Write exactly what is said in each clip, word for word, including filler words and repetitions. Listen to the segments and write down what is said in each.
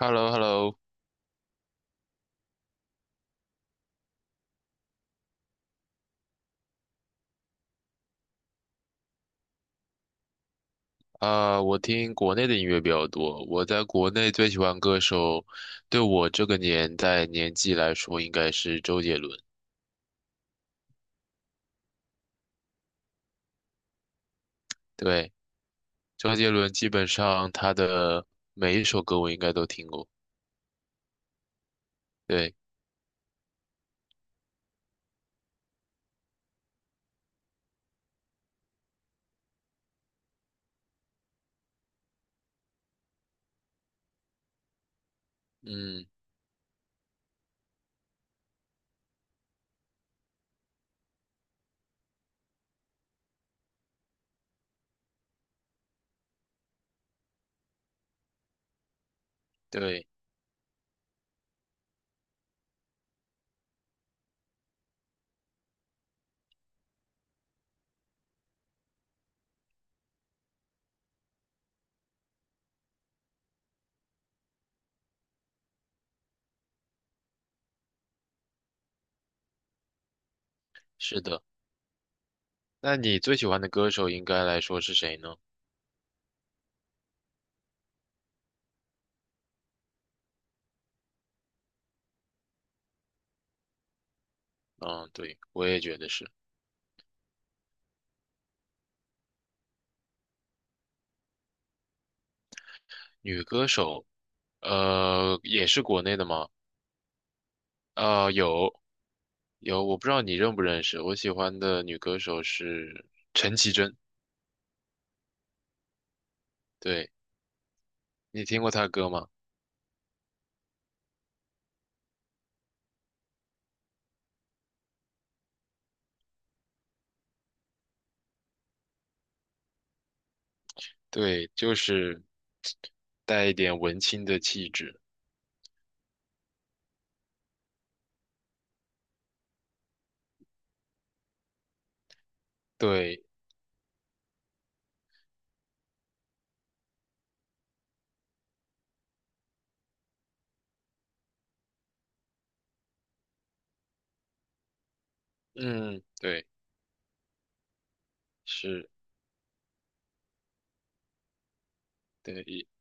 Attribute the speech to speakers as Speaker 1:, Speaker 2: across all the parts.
Speaker 1: h e l l o h e l l o 啊，我听国内的音乐比较多。我在国内最喜欢歌手，对我这个年代年纪来说，应该是周杰伦。对，周杰伦基本上他的每一首歌我应该都听过。对，嗯，对，是的。那你最喜欢的歌手应该来说是谁呢？嗯，对，我也觉得是女歌手。呃，也是国内的吗？啊，有，有，我不知道你认不认识，我喜欢的女歌手是陈绮贞。对，你听过她歌吗？对，就是带一点文青的气质。对，嗯，对，是。对，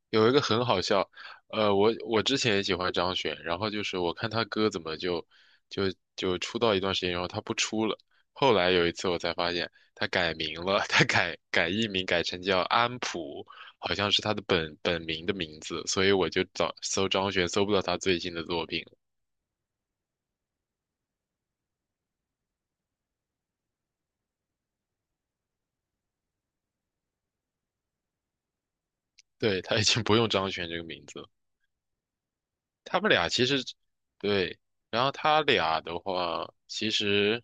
Speaker 1: 有一个很好笑，呃，我我之前也喜欢张悬，然后就是我看他歌怎么就就就出道一段时间，然后他不出了，后来有一次我才发现他改名了，他改改艺名改成叫安普，好像是他的本本名的名字，所以我就找搜张悬搜不到他最新的作品了。对，他已经不用张悬这个名字了。他们俩其实。对。然后他俩的话，其实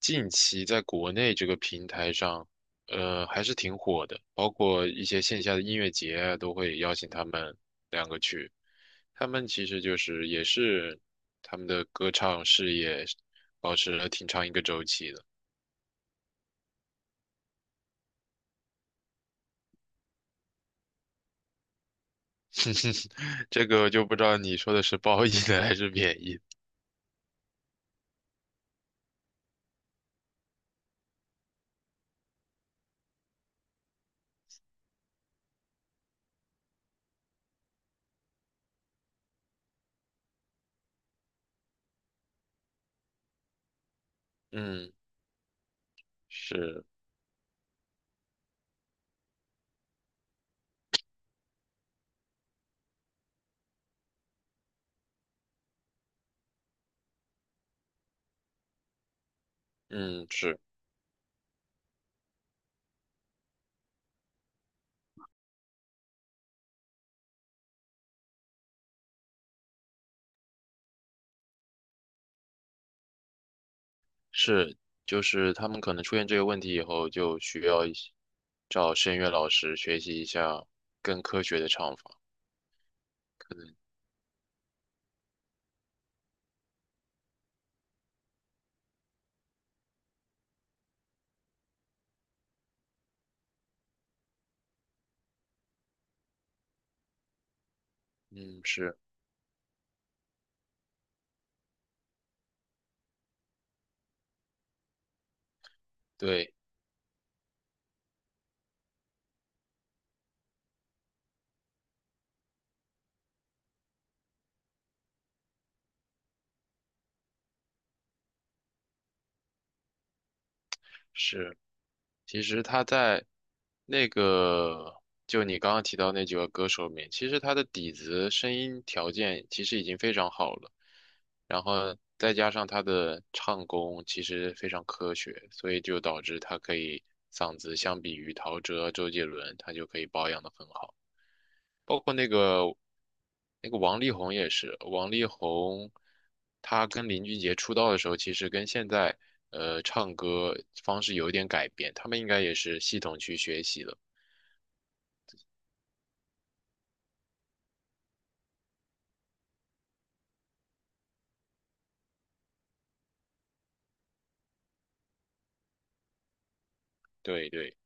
Speaker 1: 近期在国内这个平台上，呃，还是挺火的，包括一些线下的音乐节啊，都会邀请他们两个去。他们其实就是也是他们的歌唱事业保持了挺长一个周期的。这个就不知道你说的是褒义的还是贬义。嗯，是，嗯，是是，就是他们可能出现这个问题以后，就需要一些找声乐老师学习一下更科学的唱法。可能。嗯，是，对，是。其实他在那个，就你刚刚提到那几个歌手里面，其实他的底子、声音条件其实已经非常好了，然后再加上他的唱功其实非常科学，所以就导致他可以嗓子相比于陶喆、周杰伦，他就可以保养得很好。包括那个那个王力宏也是。王力宏他跟林俊杰出道的时候，其实跟现在呃唱歌方式有一点改变，他们应该也是系统去学习的。对对，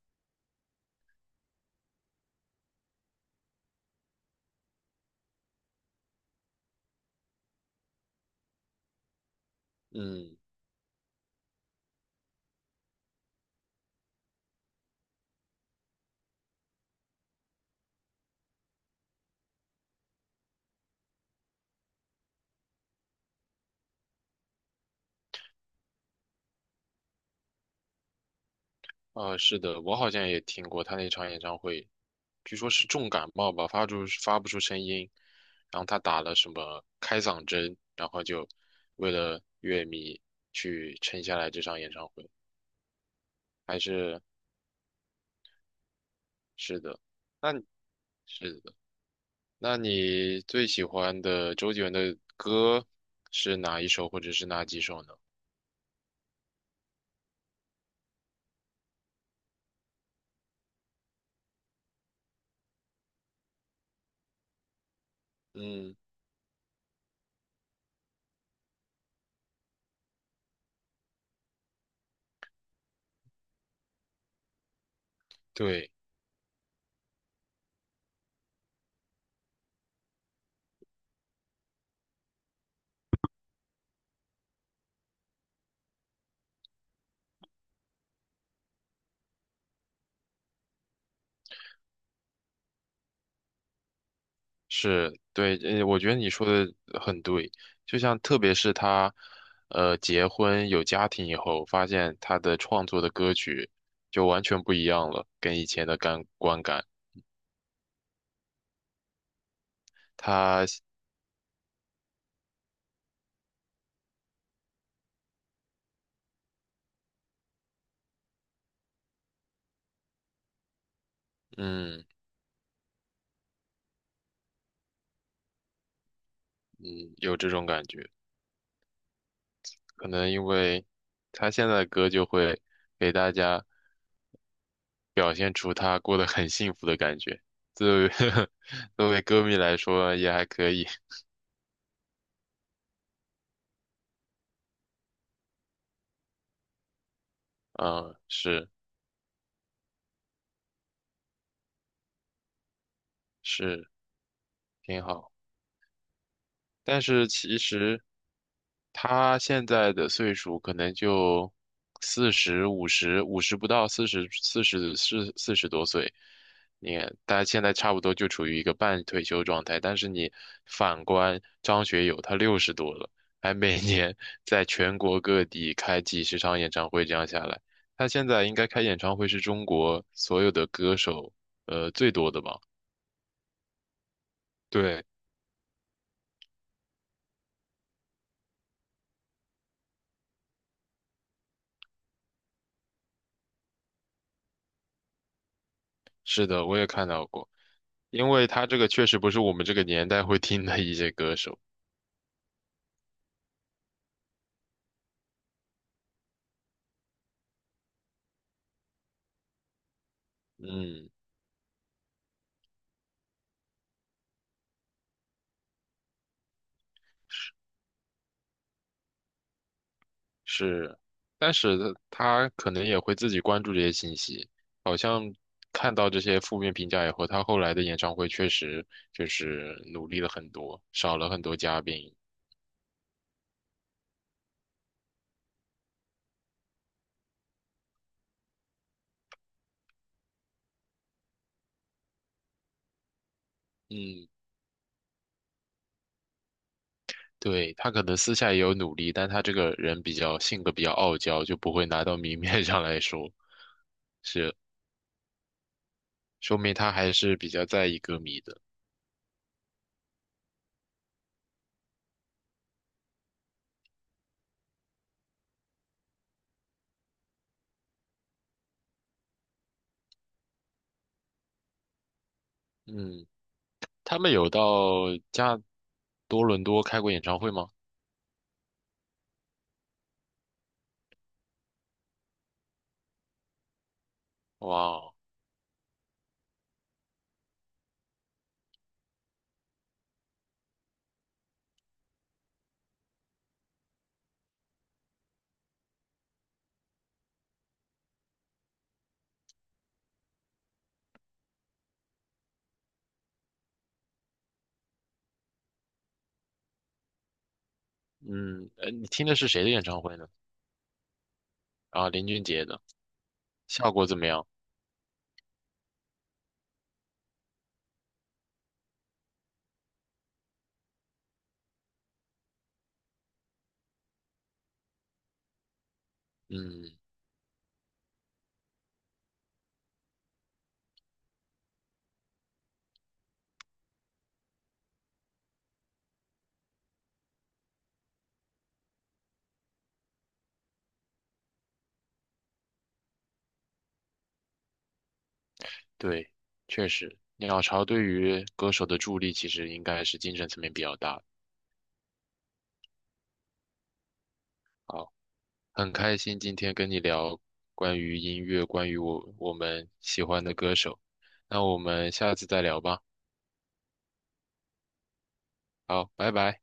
Speaker 1: 嗯，啊、是的，我好像也听过他那场演唱会，据说是重感冒吧，发出发不出声音，然后他打了什么开嗓针，然后就为了乐迷去撑下来这场演唱会，还是是的。那你是那你最喜欢的周杰伦的歌是哪一首，或者是哪几首呢？嗯，对，是，对，呃，我觉得你说的很对，就像特别是他，呃，结婚有家庭以后，发现他的创作的歌曲就完全不一样了，跟以前的感观感，他，嗯嗯，有这种感觉，可能因为他现在的歌就会给大家。表现出他过得很幸福的感觉。作为 作为歌迷来说也还可以。嗯，是，是挺好。但是其实他现在的岁数可能就四十、五十、五十不到四十、四十、四四十多岁。你看，他现在差不多就处于一个半退休状态。但是你反观张学友，他六十多了，还每年 在全国各地开几十场演唱会，这样下来，他现在应该开演唱会是中国所有的歌手呃最多的吧？对，是的，我也看到过，因为他这个确实不是我们这个年代会听的一些歌手。嗯，是，但是他他可能也会自己关注这些信息，看到这些负面评价以后，他后来的演唱会确实就是努力了很多，少了很多嘉宾。嗯，对，他可能私下也有努力，但他这个人比较性格比较傲娇，就不会拿到明面 上来说，说明他还是比较在意歌迷的。嗯，他们有到加多伦多开过演唱会吗？哇哦，嗯，呃，你听的是谁的演唱会呢？啊，林俊杰的。效果怎么样？嗯，对，确实，鸟巢对于歌手的助力其实应该是精神层面比较大的。好，很开心今天跟你聊关于音乐，关于我我们喜欢的歌手。那我们下次再聊吧。好，拜拜。